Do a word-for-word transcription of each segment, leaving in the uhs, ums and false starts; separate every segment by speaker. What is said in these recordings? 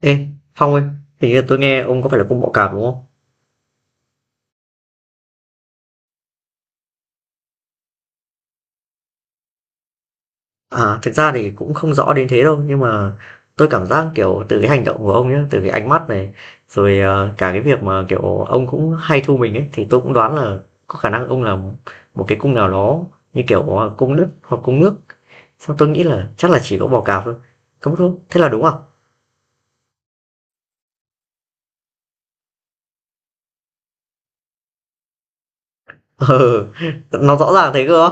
Speaker 1: Ê, Phong ơi, hình như tôi nghe ông có phải là cung bọ cạp đúng không? À, thực ra thì cũng không rõ đến thế đâu, nhưng mà tôi cảm giác kiểu từ cái hành động của ông nhé, từ cái ánh mắt này, rồi ờ, cả cái việc mà kiểu ông cũng hay thu mình ấy, thì tôi cũng đoán là có khả năng ông là một cái cung nào đó như kiểu ờ, cung đất hoặc cung nước. Xong tôi nghĩ là chắc là chỉ có bọ cạp thôi. Không đúng, thế là đúng không? Ừ, nó rõ ràng thế cơ.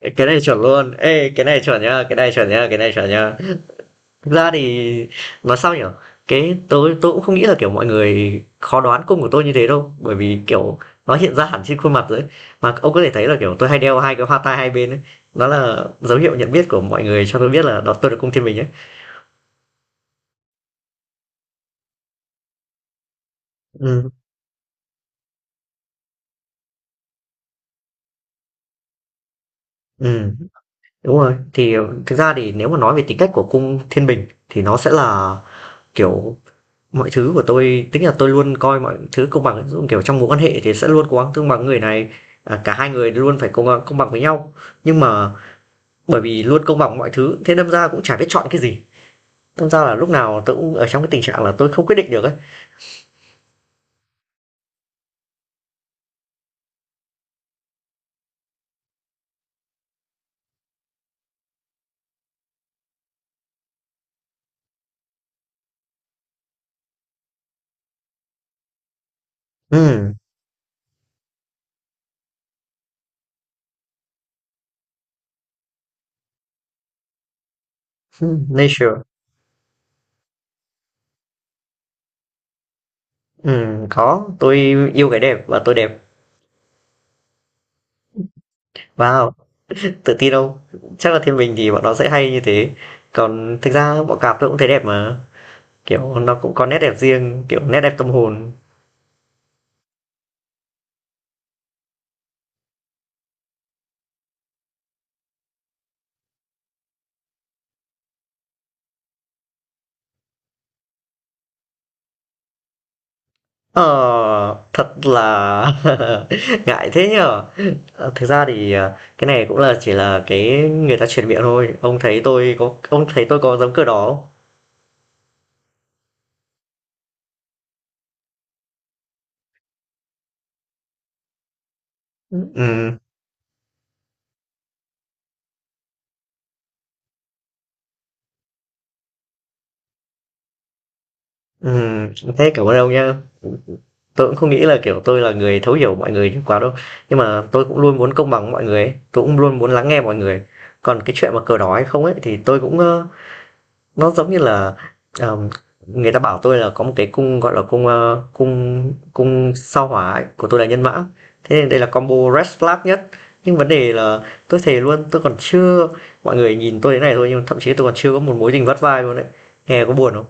Speaker 1: Cái này chuẩn luôn. Ê, cái này chuẩn nhá, cái này chuẩn nhá, cái này chuẩn nhá. Thực ra thì nói sao nhỉ? Cái tôi tôi cũng không nghĩ là, kiểu, mọi người khó đoán cung của tôi như thế đâu, bởi vì, kiểu, nó hiện ra hẳn trên khuôn mặt rồi ấy. Mà ông có thể thấy là, kiểu, tôi hay đeo hai cái hoa tai hai bên ấy, đó là dấu hiệu nhận biết của mọi người cho tôi biết là đó tôi là cung Thiên Bình ấy. Ừ, ừm, đúng rồi. Thì thực ra thì nếu mà nói về tính cách của cung Thiên Bình thì nó sẽ là, kiểu, mọi thứ của tôi tính là tôi luôn coi mọi thứ công bằng ấy. Ví dụ, kiểu, trong mối quan hệ thì sẽ luôn cố gắng tương bằng người này, à, cả hai người luôn phải công công bằng với nhau. Nhưng mà bởi vì luôn công bằng mọi thứ thế đâm ra cũng chả biết chọn cái gì, đâm ra là lúc nào tôi cũng ở trong cái tình trạng là tôi không quyết định được ấy. Ừm, ừm, nature. Ừm, có, tôi yêu cái đẹp và tôi đẹp. Wow, tự tin đâu, chắc là thiên bình thì bọn nó sẽ hay như thế. Còn thực ra bọn cạp tôi cũng thấy đẹp mà, kiểu nó cũng có nét đẹp riêng, kiểu nét đẹp tâm hồn. Ờ, thật là ngại thế nhở? Ờ, thực ra thì, ờ, cái này cũng là chỉ là cái người ta truyền miệng thôi. Ông thấy tôi có ông thấy tôi có giống kiểu đó không? Ừ. Ừm, ừm, thế cảm ơn ông nhá. Tôi cũng không nghĩ là, kiểu, tôi là người thấu hiểu mọi người quá đâu. Nhưng mà tôi cũng luôn muốn công bằng với mọi người ấy, tôi cũng luôn muốn lắng nghe mọi người. Còn cái chuyện mà cờ đỏ hay không ấy, thì tôi cũng, ơ nó giống như là, ờm, người ta bảo tôi là có một cái cung gọi là cung ờ, cung cung sao hỏa ấy, của tôi là nhân mã, thế nên đây là combo red flag nhất. Nhưng vấn đề là tôi thề luôn tôi còn chưa mọi người nhìn tôi thế này thôi nhưng thậm chí tôi còn chưa có một mối tình vắt vai luôn đấy. Nghe có buồn không?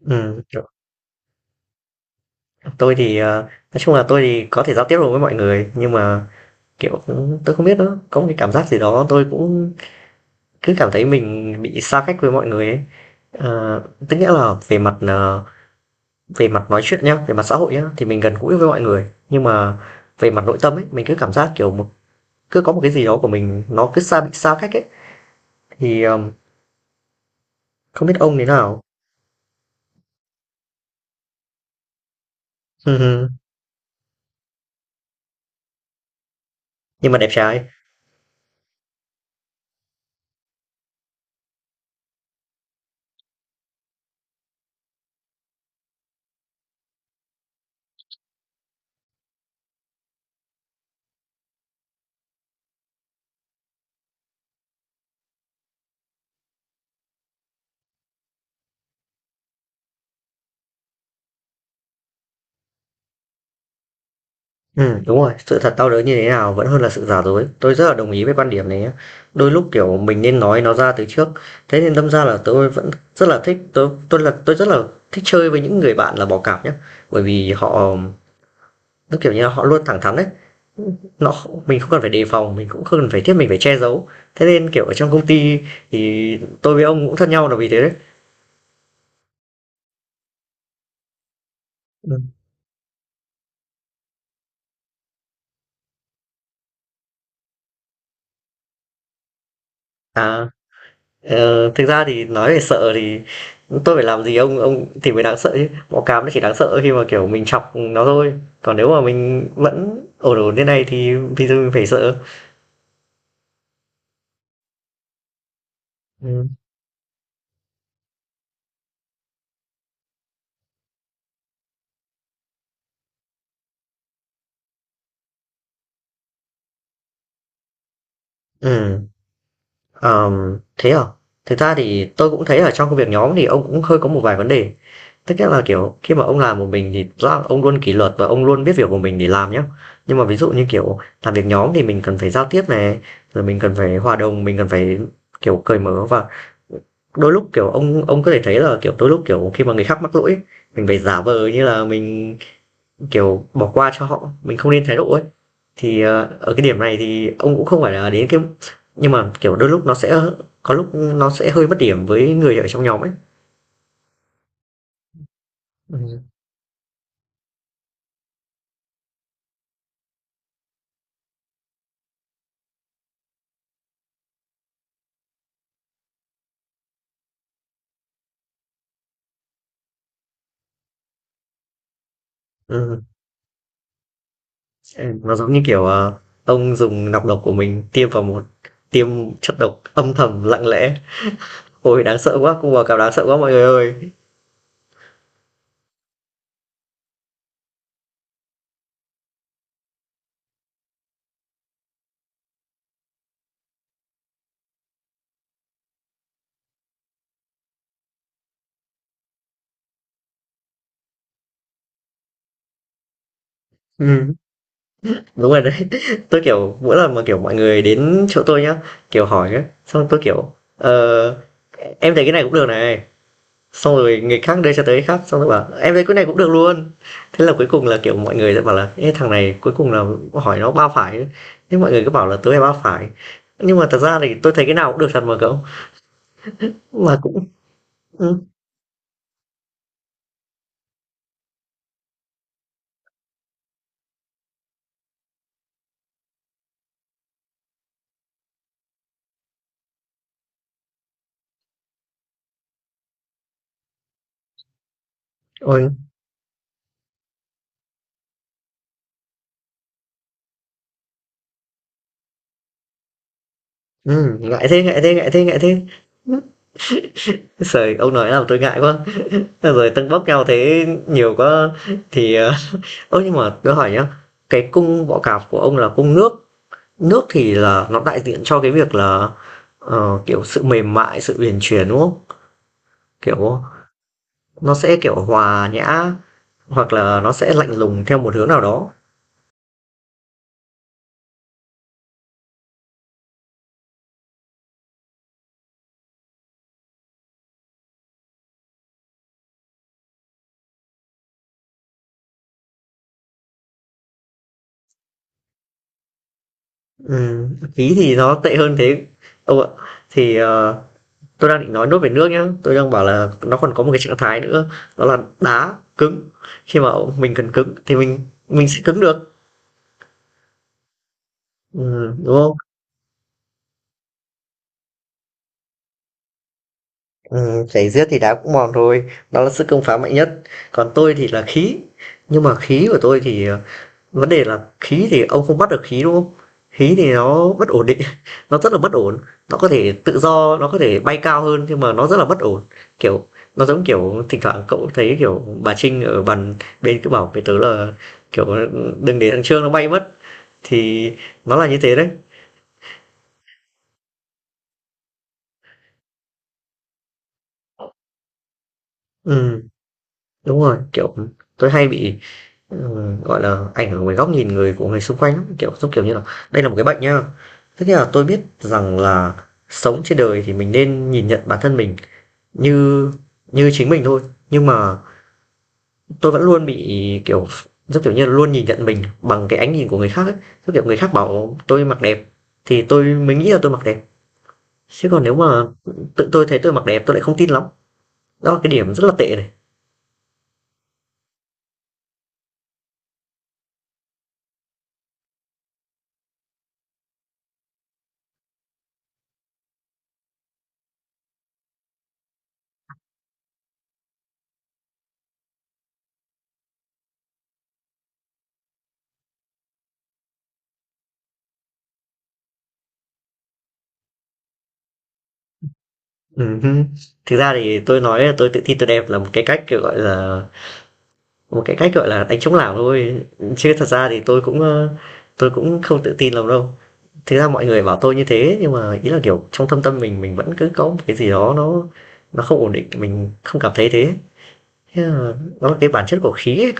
Speaker 1: Ừ, tôi thì ờ, nói chung là tôi thì có thể giao tiếp được với mọi người nhưng mà kiểu tôi không biết nữa, có một cái cảm giác gì đó tôi cũng cứ cảm thấy mình bị xa cách với mọi người ấy. Ờ, tức nghĩa là về mặt ờ, về mặt nói chuyện nhá, về mặt xã hội nhá, thì mình gần gũi với mọi người nhưng mà về mặt nội tâm ấy mình cứ cảm giác kiểu một cứ có một cái gì đó của mình nó cứ xa bị xa cách ấy, thì ờm, không biết ông thế nào. Ừ, ừ. Nhưng mà đẹp trai. Ừ, đúng rồi, sự thật đau đớn như thế nào vẫn hơn là sự giả dối, tôi rất là đồng ý với quan điểm này nhá. Đôi lúc kiểu mình nên nói nó ra từ trước. Thế nên đâm ra là tôi vẫn rất là thích, tôi tôi là tôi rất là thích chơi với những người bạn là bỏ cạp nhá. Bởi vì họ, tức kiểu như là họ luôn thẳng thắn đấy, nó mình không cần phải đề phòng, mình cũng không cần phải thiết mình phải che giấu. Thế nên kiểu ở trong công ty thì tôi với ông cũng thân nhau là vì thế đấy. Ừ. À, ờ, thực ra thì nói về sợ thì tôi phải làm gì ông ông thì mới đáng sợ, chứ bọ cạp nó chỉ đáng sợ khi mà kiểu mình chọc nó thôi. Còn nếu mà mình vẫn ổn ổn thế này thì vì sao mình phải sợ? Ừ. ừ ờm, Thế à? Thực ra thì tôi cũng thấy ở trong công việc nhóm thì ông cũng hơi có một vài vấn đề. Tức nghĩa là, kiểu, khi mà ông làm một mình thì rõ là ông luôn kỷ luật và ông luôn biết việc của mình để làm nhá. Nhưng mà ví dụ như, kiểu, làm việc nhóm thì mình cần phải giao tiếp này, rồi mình cần phải hòa đồng, mình cần phải, kiểu, cởi mở, và đôi lúc, kiểu, ông ông có thể thấy là, kiểu, đôi lúc, kiểu, khi mà người khác mắc lỗi ấy, mình phải giả vờ như là mình, kiểu, bỏ qua cho họ, mình không nên thái độ ấy. Thì, ờ, ở cái điểm này thì ông cũng không phải là đến cái, nhưng mà, kiểu, đôi lúc nó sẽ có lúc nó sẽ hơi mất điểm với người ở trong nhóm ấy. Ừm. Ừ, nó giống như kiểu ờ, ông dùng nọc độc của mình tiêm vào một, tiêm chất độc âm thầm lặng lẽ. Ôi đáng sợ quá, cung bò cạp đáng sợ quá mọi người ơi. Ừ, đúng rồi đấy. Tôi kiểu mỗi lần mà kiểu mọi người đến chỗ tôi nhá, kiểu hỏi ấy, xong tôi kiểu ờ, em thấy cái này cũng được này. Xong rồi người khác đưa cho tới người khác xong rồi bảo em thấy cái này cũng được luôn. Thế là cuối cùng là kiểu mọi người sẽ bảo là "Ê, thằng này cuối cùng là hỏi nó ba phải ấy." Thế mọi người cứ bảo là tớ là ba phải. Nhưng mà thật ra thì tôi thấy cái nào cũng được thật mà cậu, mà cũng ừm, ôi, ừm, ngại thế, ngại thế, ngại thế, ngại thế! Giời, ông nói làm tôi ngại quá. Thế rồi tâng bốc nhau thế nhiều quá thì, ờ, ơ, nhưng mà tôi hỏi nhá, cái cung bọ cạp của ông là cung nước, nước thì là nó đại diện cho cái việc là, ờ, kiểu, sự mềm mại, sự uyển chuyển, đúng không? Kiểu, nó sẽ, kiểu, hòa nhã, hoặc là nó sẽ lạnh lùng theo một hướng nào đó. Ừm, khí thì nó tệ hơn thế ông ạ. Thì, ờ, tôi đang định nói nốt về nước nhá, tôi đang bảo là nó còn có một cái trạng thái nữa, đó là đá cứng. Khi mà mình cần cứng thì mình mình sẽ cứng được. Ừ, đúng không? Ừ, chảy giết thì đá cũng mòn thôi, đó là sức công phá mạnh nhất. Còn tôi thì là khí, nhưng mà khí của tôi thì uh, vấn đề là khí thì ông không bắt được khí, đúng không? Khí thì nó bất ổn định, nó rất là bất ổn, nó có thể tự do, nó có thể bay cao hơn nhưng mà nó rất là bất ổn. Kiểu, nó giống kiểu thỉnh thoảng cậu thấy, kiểu, bà Trinh ở bàn bên cứ bảo với tớ là, kiểu, "Đừng để thằng Trương nó bay mất." Thì nó là như thế đấy. Ừm, đúng rồi, kiểu, tôi hay bị, ừm, gọi là, ảnh hưởng bởi góc nhìn người của người xung quanh lắm, kiểu, giống kiểu như là, đây là một cái bệnh nhá. Tức nghĩa là tôi biết rằng là sống trên đời thì mình nên nhìn nhận bản thân mình như như chính mình thôi, nhưng mà tôi vẫn luôn bị kiểu rất kiểu như là luôn nhìn nhận mình bằng cái ánh nhìn của người khác ấy. Rất kiểu người khác bảo tôi mặc đẹp thì tôi mới nghĩ là tôi mặc đẹp, chứ còn nếu mà tự tôi thấy tôi mặc đẹp tôi lại không tin lắm. Đó là cái điểm rất là tệ này. Ừ. Thực ra thì tôi nói là tôi tự tin tôi đẹp là một cái cách kiểu gọi là một cái cách gọi là đánh chống lảng thôi, chứ thật ra thì tôi cũng ờ, tôi cũng không tự tin lắm đâu. Thế ra mọi người bảo tôi như thế nhưng mà ý là, kiểu, trong thâm tâm mình mình vẫn cứ có một cái gì đó nó nó không ổn định, mình không cảm thấy thế. Thế là nó là cái bản chất của khí ấy,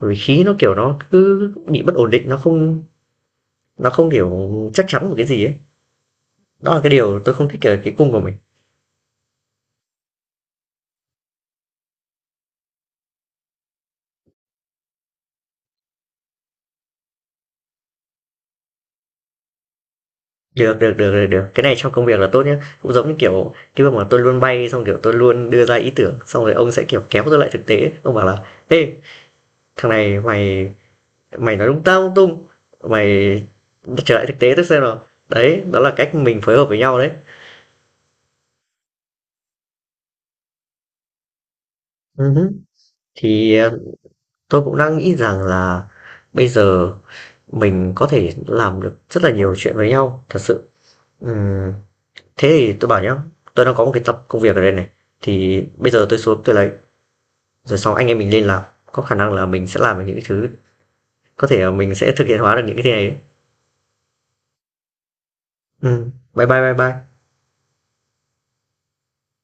Speaker 1: bởi vì khí nó, kiểu, nó cứ bị bất ổn định, nó không nó không, kiểu, chắc chắn một cái gì ấy. Đó là cái điều tôi không thích ở cái cung của mình. Được, được, được, được, được, cái này trong công việc là tốt nhé. Cũng giống như, kiểu, cái việc mà tôi luôn bay xong, kiểu, tôi luôn đưa ra ý tưởng, xong rồi ông sẽ, kiểu, kéo tôi lại thực tế, ông bảo là "Ê, thằng này mày mày nói lung ta lung tung, mày trở lại thực tế tôi xem nào." Đấy, đó là cách mình phối hợp với nhau đấy. Ừ hứ. Thì ờ, tôi cũng đang nghĩ rằng là bây giờ mình có thể làm được rất là nhiều chuyện với nhau thật sự. Ừm, thế thì tôi bảo nhá, tôi đang có một cái tập công việc ở đây này, thì bây giờ tôi xuống tôi lấy rồi sau anh em mình lên làm. Có khả năng là mình sẽ làm được những cái thứ, có thể là mình sẽ thực hiện hóa được những cái thứ này đấy. Ừm, bye bye bye bye.